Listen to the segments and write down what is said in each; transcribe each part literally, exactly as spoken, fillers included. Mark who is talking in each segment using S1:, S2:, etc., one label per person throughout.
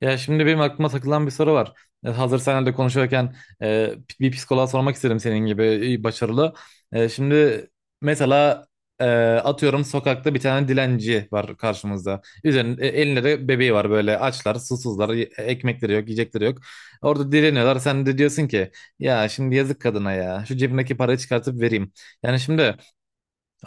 S1: Ya şimdi benim aklıma takılan bir soru var. E, Hazır senle de konuşuyorken e, bir psikoloğa sormak istedim senin gibi iyi, başarılı. E, şimdi mesela e, atıyorum sokakta bir tane dilenci var karşımızda. Üzerinde e, elinde de bebeği var böyle açlar, susuzlar, y- ekmekleri yok, yiyecekleri yok. Orada dileniyorlar. Sen de diyorsun ki ya şimdi yazık kadına ya. Şu cebimdeki parayı çıkartıp vereyim. Yani şimdi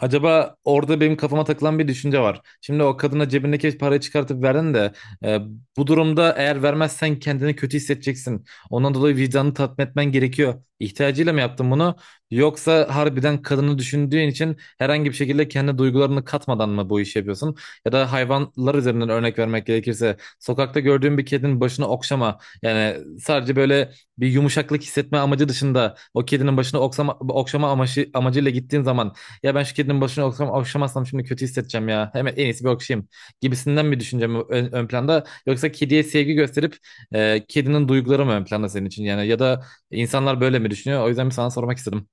S1: acaba orada benim kafama takılan bir düşünce var. Şimdi o kadına cebindeki parayı çıkartıp verdin de e, bu durumda eğer vermezsen kendini kötü hissedeceksin. Ondan dolayı vicdanını tatmin etmen gerekiyor. İhtiyacıyla mı yaptın bunu? Yoksa harbiden kadını düşündüğün için herhangi bir şekilde kendi duygularını katmadan mı bu işi yapıyorsun? Ya da hayvanlar üzerinden örnek vermek gerekirse sokakta gördüğün bir kedinin başını okşama. Yani sadece böyle bir yumuşaklık hissetme amacı dışında o kedinin başını oksama, okşama amacı, amacıyla gittiğin zaman ya ben şu kedinin başına okşam, okşamazsam şimdi kötü hissedeceğim ya. Hemen en iyisi bir okşayayım gibisinden mi düşüneceğim ön, ön planda, yoksa kediye sevgi gösterip e, kedinin duyguları mı ön planda senin için, yani ya da insanlar böyle mi düşünüyor? O yüzden bir sana sormak istedim.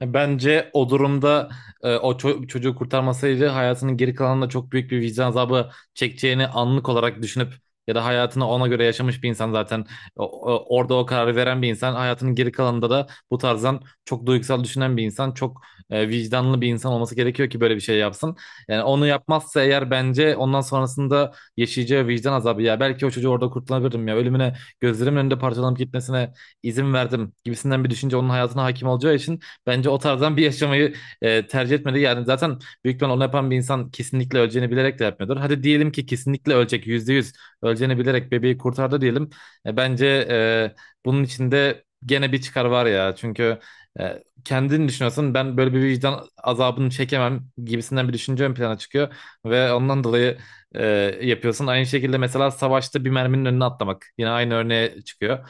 S1: Bence o durumda e, o ço- çocuğu kurtarmasaydı hayatının geri kalanında çok büyük bir vicdan azabı çekeceğini anlık olarak düşünüp ya da hayatını ona göre yaşamış bir insan zaten O- o- orada o kararı veren bir insan hayatının geri kalanında da bu tarzdan çok duygusal düşünen bir insan, çok e, vicdanlı bir insan olması gerekiyor ki böyle bir şey yapsın. Yani onu yapmazsa eğer bence ondan sonrasında yaşayacağı vicdan azabı, ya belki o çocuğu orada kurtulabilirdim ya ölümüne gözlerimin önünde parçalanıp gitmesine izin verdim gibisinden bir düşünce onun hayatına hakim olacağı için bence o tarzdan bir yaşamayı e, tercih etmeli. Yani zaten büyük ihtimal onu yapan bir insan kesinlikle öleceğini bilerek de yapmıyordur. Hadi diyelim ki kesinlikle ölecek, yüzde yüz öleceğini bilerek bebeği kurtardı diyelim. E, bence e, bunun içinde gene bir çıkar var ya. Çünkü e, kendini düşünüyorsun, ben böyle bir vicdan azabını çekemem gibisinden bir düşünce ön plana çıkıyor. Ve ondan dolayı e, yapıyorsun. Aynı şekilde mesela savaşta bir merminin önüne atlamak. Yine aynı örneğe çıkıyor.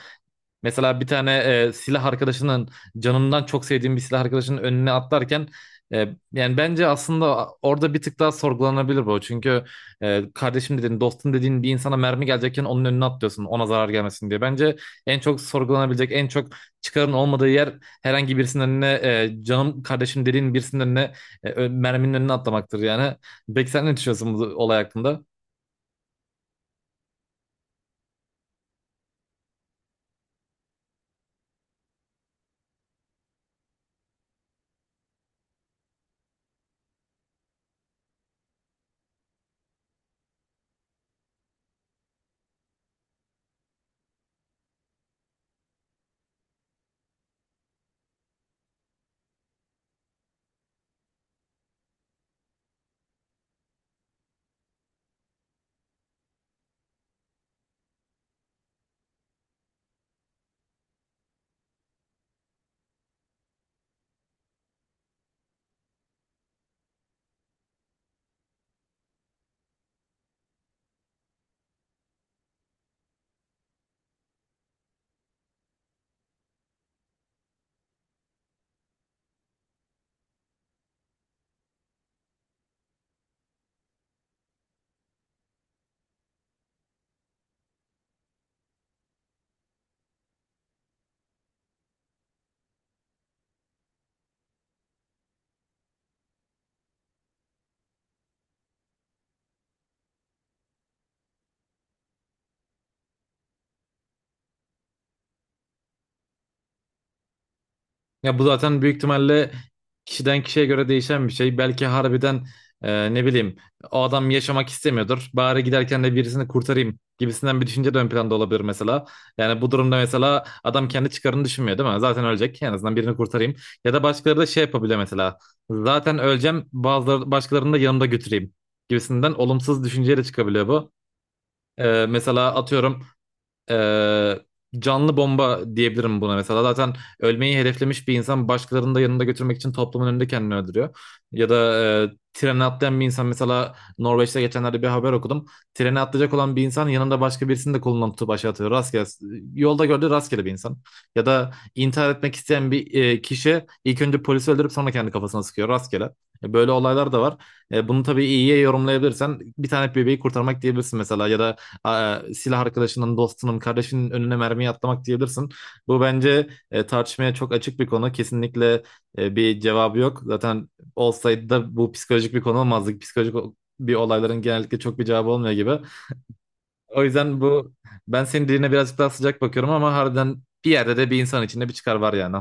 S1: Mesela bir tane e, silah arkadaşının canımdan çok sevdiğim bir silah arkadaşının önüne atlarken e, yani bence aslında orada bir tık daha sorgulanabilir bu. Çünkü e, kardeşim dediğin, dostum dediğin bir insana mermi gelecekken onun önüne atlıyorsun, ona zarar gelmesin diye. Bence en çok sorgulanabilecek, en çok çıkarın olmadığı yer herhangi birisinin önüne, e, canım kardeşim dediğin birisinin önüne, e, ö- merminin önüne atlamaktır yani. Peki sen ne düşünüyorsun bu olay hakkında? Ya bu zaten büyük ihtimalle kişiden kişiye göre değişen bir şey. Belki harbiden e, ne bileyim o adam yaşamak istemiyordur. Bari giderken de birisini kurtarayım gibisinden bir düşünce de ön planda olabilir mesela. Yani bu durumda mesela adam kendi çıkarını düşünmüyor değil mi? Zaten ölecek. En azından birini kurtarayım. Ya da başkaları da şey yapabilir mesela. Zaten öleceğim, bazıları başkalarını da yanımda götüreyim gibisinden olumsuz düşünceyle çıkabiliyor bu. E, mesela atıyorum, ee, canlı bomba diyebilirim buna mesela. Zaten ölmeyi hedeflemiş bir insan başkalarını da yanında götürmek için toplumun önünde kendini öldürüyor. Ya da e, trene atlayan bir insan, mesela Norveç'te geçenlerde bir haber okudum. Trene atlayacak olan bir insan yanında başka birisini de kolundan tutup aşağı atıyor. Rastgele, yolda gördüğü rastgele bir insan. Ya da intihar etmek isteyen bir e, kişi ilk önce polisi öldürüp sonra kendi kafasına sıkıyor rastgele. E, Böyle olaylar da var. E, bunu tabii iyiye yorumlayabilirsen bir tane bebeği kurtarmak diyebilirsin mesela, ya da a- e, silah arkadaşının, dostunun, kardeşinin önüne mermiyi atlamak diyebilirsin. Bu bence e, tartışmaya çok açık bir konu. Kesinlikle e, bir cevabı yok. Zaten olsaydı da bu psikolojik bir konu olmazdı. Psikolojik o- bir olayların genellikle çok bir cevabı olmuyor gibi. O yüzden bu, ben senin diline birazcık daha sıcak bakıyorum ama harbiden bir yerde de bir insan içinde bir çıkar var yani.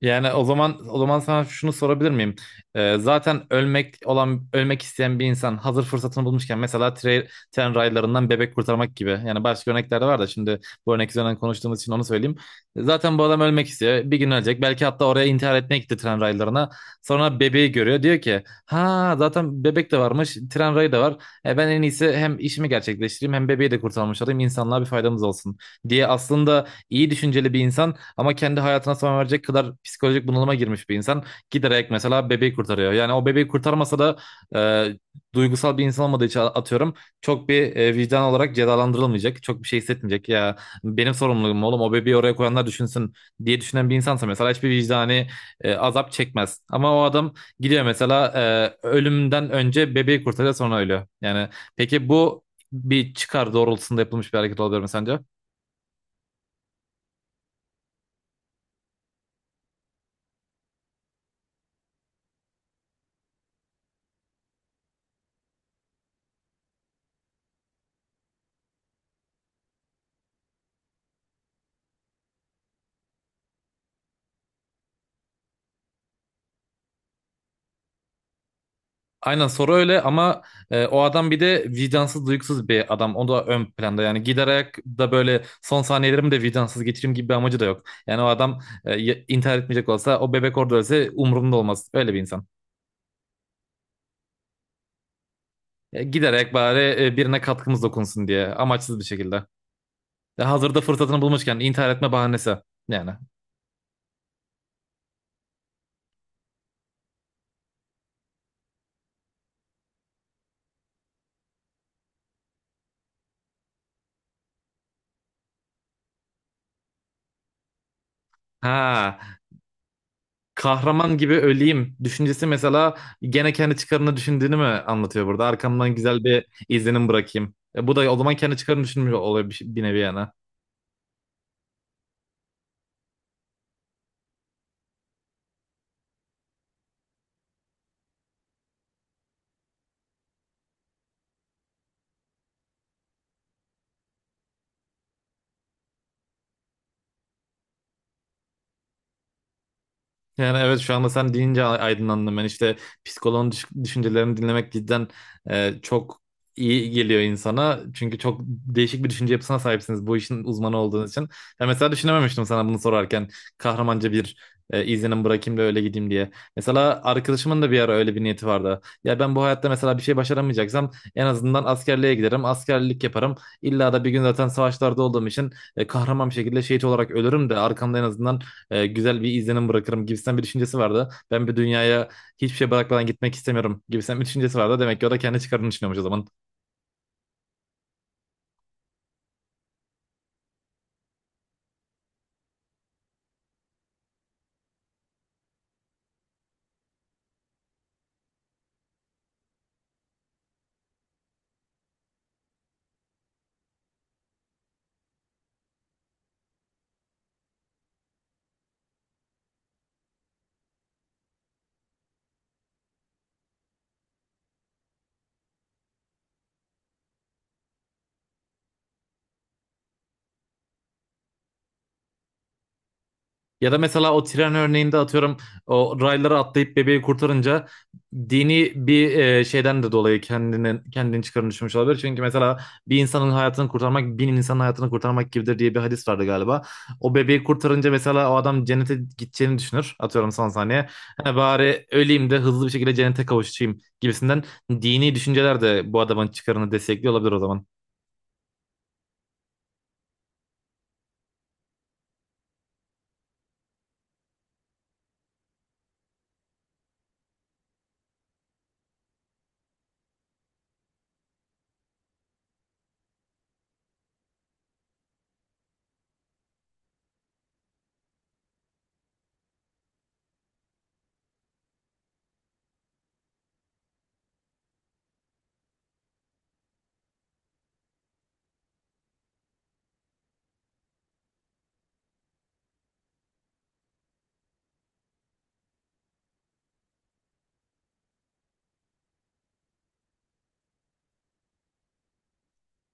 S1: Yani o zaman, o zaman sana şunu sorabilir miyim? Ee, zaten ölmek olan ölmek isteyen bir insan hazır fırsatını bulmuşken, mesela tre- tren raylarından bebek kurtarmak gibi. Yani başka örnekler de var da, şimdi bu örnek üzerinden konuştuğumuz için onu söyleyeyim. Zaten bu adam ölmek istiyor. Bir gün ölecek. Belki hatta oraya intihar etmeye gitti tren raylarına. Sonra bebeği görüyor. Diyor ki ha zaten bebek de varmış. Tren rayı da var. E, ben en iyisi hem işimi gerçekleştireyim hem bebeği de kurtarmış olayım. İnsanlığa bir faydamız olsun diye, aslında iyi düşünceli bir insan ama kendi hayatına son verecek kadar psikolojik bunalıma girmiş bir insan. Giderek mesela bebeği kurtarıyor. Yani o bebeği kurtarmasa da e, duygusal bir insan olmadığı için atıyorum çok bir e, vicdan olarak cezalandırılmayacak. Çok bir şey hissetmeyecek. Ya benim sorumluluğum, oğlum o bebeği oraya koyanlar düşünsün diye düşünen bir insansa mesela hiçbir vicdani e, azap çekmez. Ama o adam gidiyor mesela, e, ölümden önce bebeği kurtarıyor sonra ölüyor. Yani peki bu bir çıkar doğrultusunda yapılmış bir hareket olabilir mi sence? Aynen soru öyle, ama e, o adam bir de vicdansız, duygusuz bir adam. O da ön planda, yani giderek ayak da böyle son saniyelerimi de vicdansız geçireyim gibi bir amacı da yok. Yani o adam, e, y- intihar etmeyecek olsa o bebek orada ölse umurumda olmaz. Öyle bir insan. E, gider, bari e, birine katkımız dokunsun diye, amaçsız bir şekilde. E, hazırda fırsatını bulmuşken intihar etme bahanesi yani. Ha, kahraman gibi öleyim düşüncesi mesela gene kendi çıkarını düşündüğünü mü anlatıyor burada? Arkamdan güzel bir izlenim bırakayım. E, bu da o zaman kendi çıkarını düşünmüş oluyor bir, bir nevi yani. Yani evet, şu anda sen deyince a- aydınlandım ben, işte psikoloğun düş- düşüncelerini dinlemek cidden e, çok iyi geliyor insana. Çünkü çok değişik bir düşünce yapısına sahipsiniz, bu işin uzmanı olduğunuz için. Ben mesela düşünememiştim sana bunu sorarken kahramanca bir e, izlenim bırakayım da öyle gideyim diye. Mesela arkadaşımın da bir ara öyle bir niyeti vardı. Ya ben bu hayatta mesela bir şey başaramayacaksam en azından askerliğe giderim, askerlik yaparım. İlla da bir gün zaten savaşlarda olduğum için e, kahraman bir şekilde şehit olarak ölürüm de arkamda en azından e, güzel bir izlenim bırakırım gibisinden bir düşüncesi vardı. Ben bir dünyaya hiçbir şey bırakmadan gitmek istemiyorum gibisinden bir düşüncesi vardı. Demek ki o da kendi çıkarını düşünüyormuş o zaman. Ya da mesela o tren örneğinde atıyorum o raylara atlayıp bebeği kurtarınca dini bir e, şeyden de dolayı kendini kendini çıkarını düşmüş olabilir. Çünkü mesela bir insanın hayatını kurtarmak bin insanın hayatını kurtarmak gibidir diye bir hadis vardı galiba. O bebeği kurtarınca mesela o adam cennete gideceğini düşünür. Atıyorum son saniye. "Ha, bari öleyim de hızlı bir şekilde cennete kavuşayım" gibisinden dini düşünceler de bu adamın çıkarını destekliyor olabilir o zaman.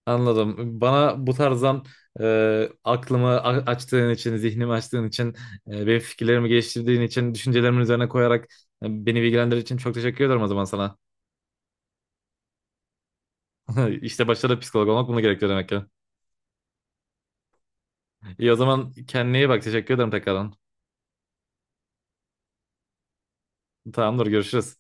S1: Anladım. Bana bu tarzdan e, aklımı a- açtığın için, zihnimi açtığın için, e, benim fikirlerimi geliştirdiğin için, düşüncelerimin üzerine koyarak e, beni bilgilendirdiğin için çok teşekkür ederim o zaman sana. İşte başta da psikolog olmak bunu gerekiyor demek ki. İyi, o zaman kendine iyi bak. Teşekkür ederim tekrardan. Tamamdır, görüşürüz.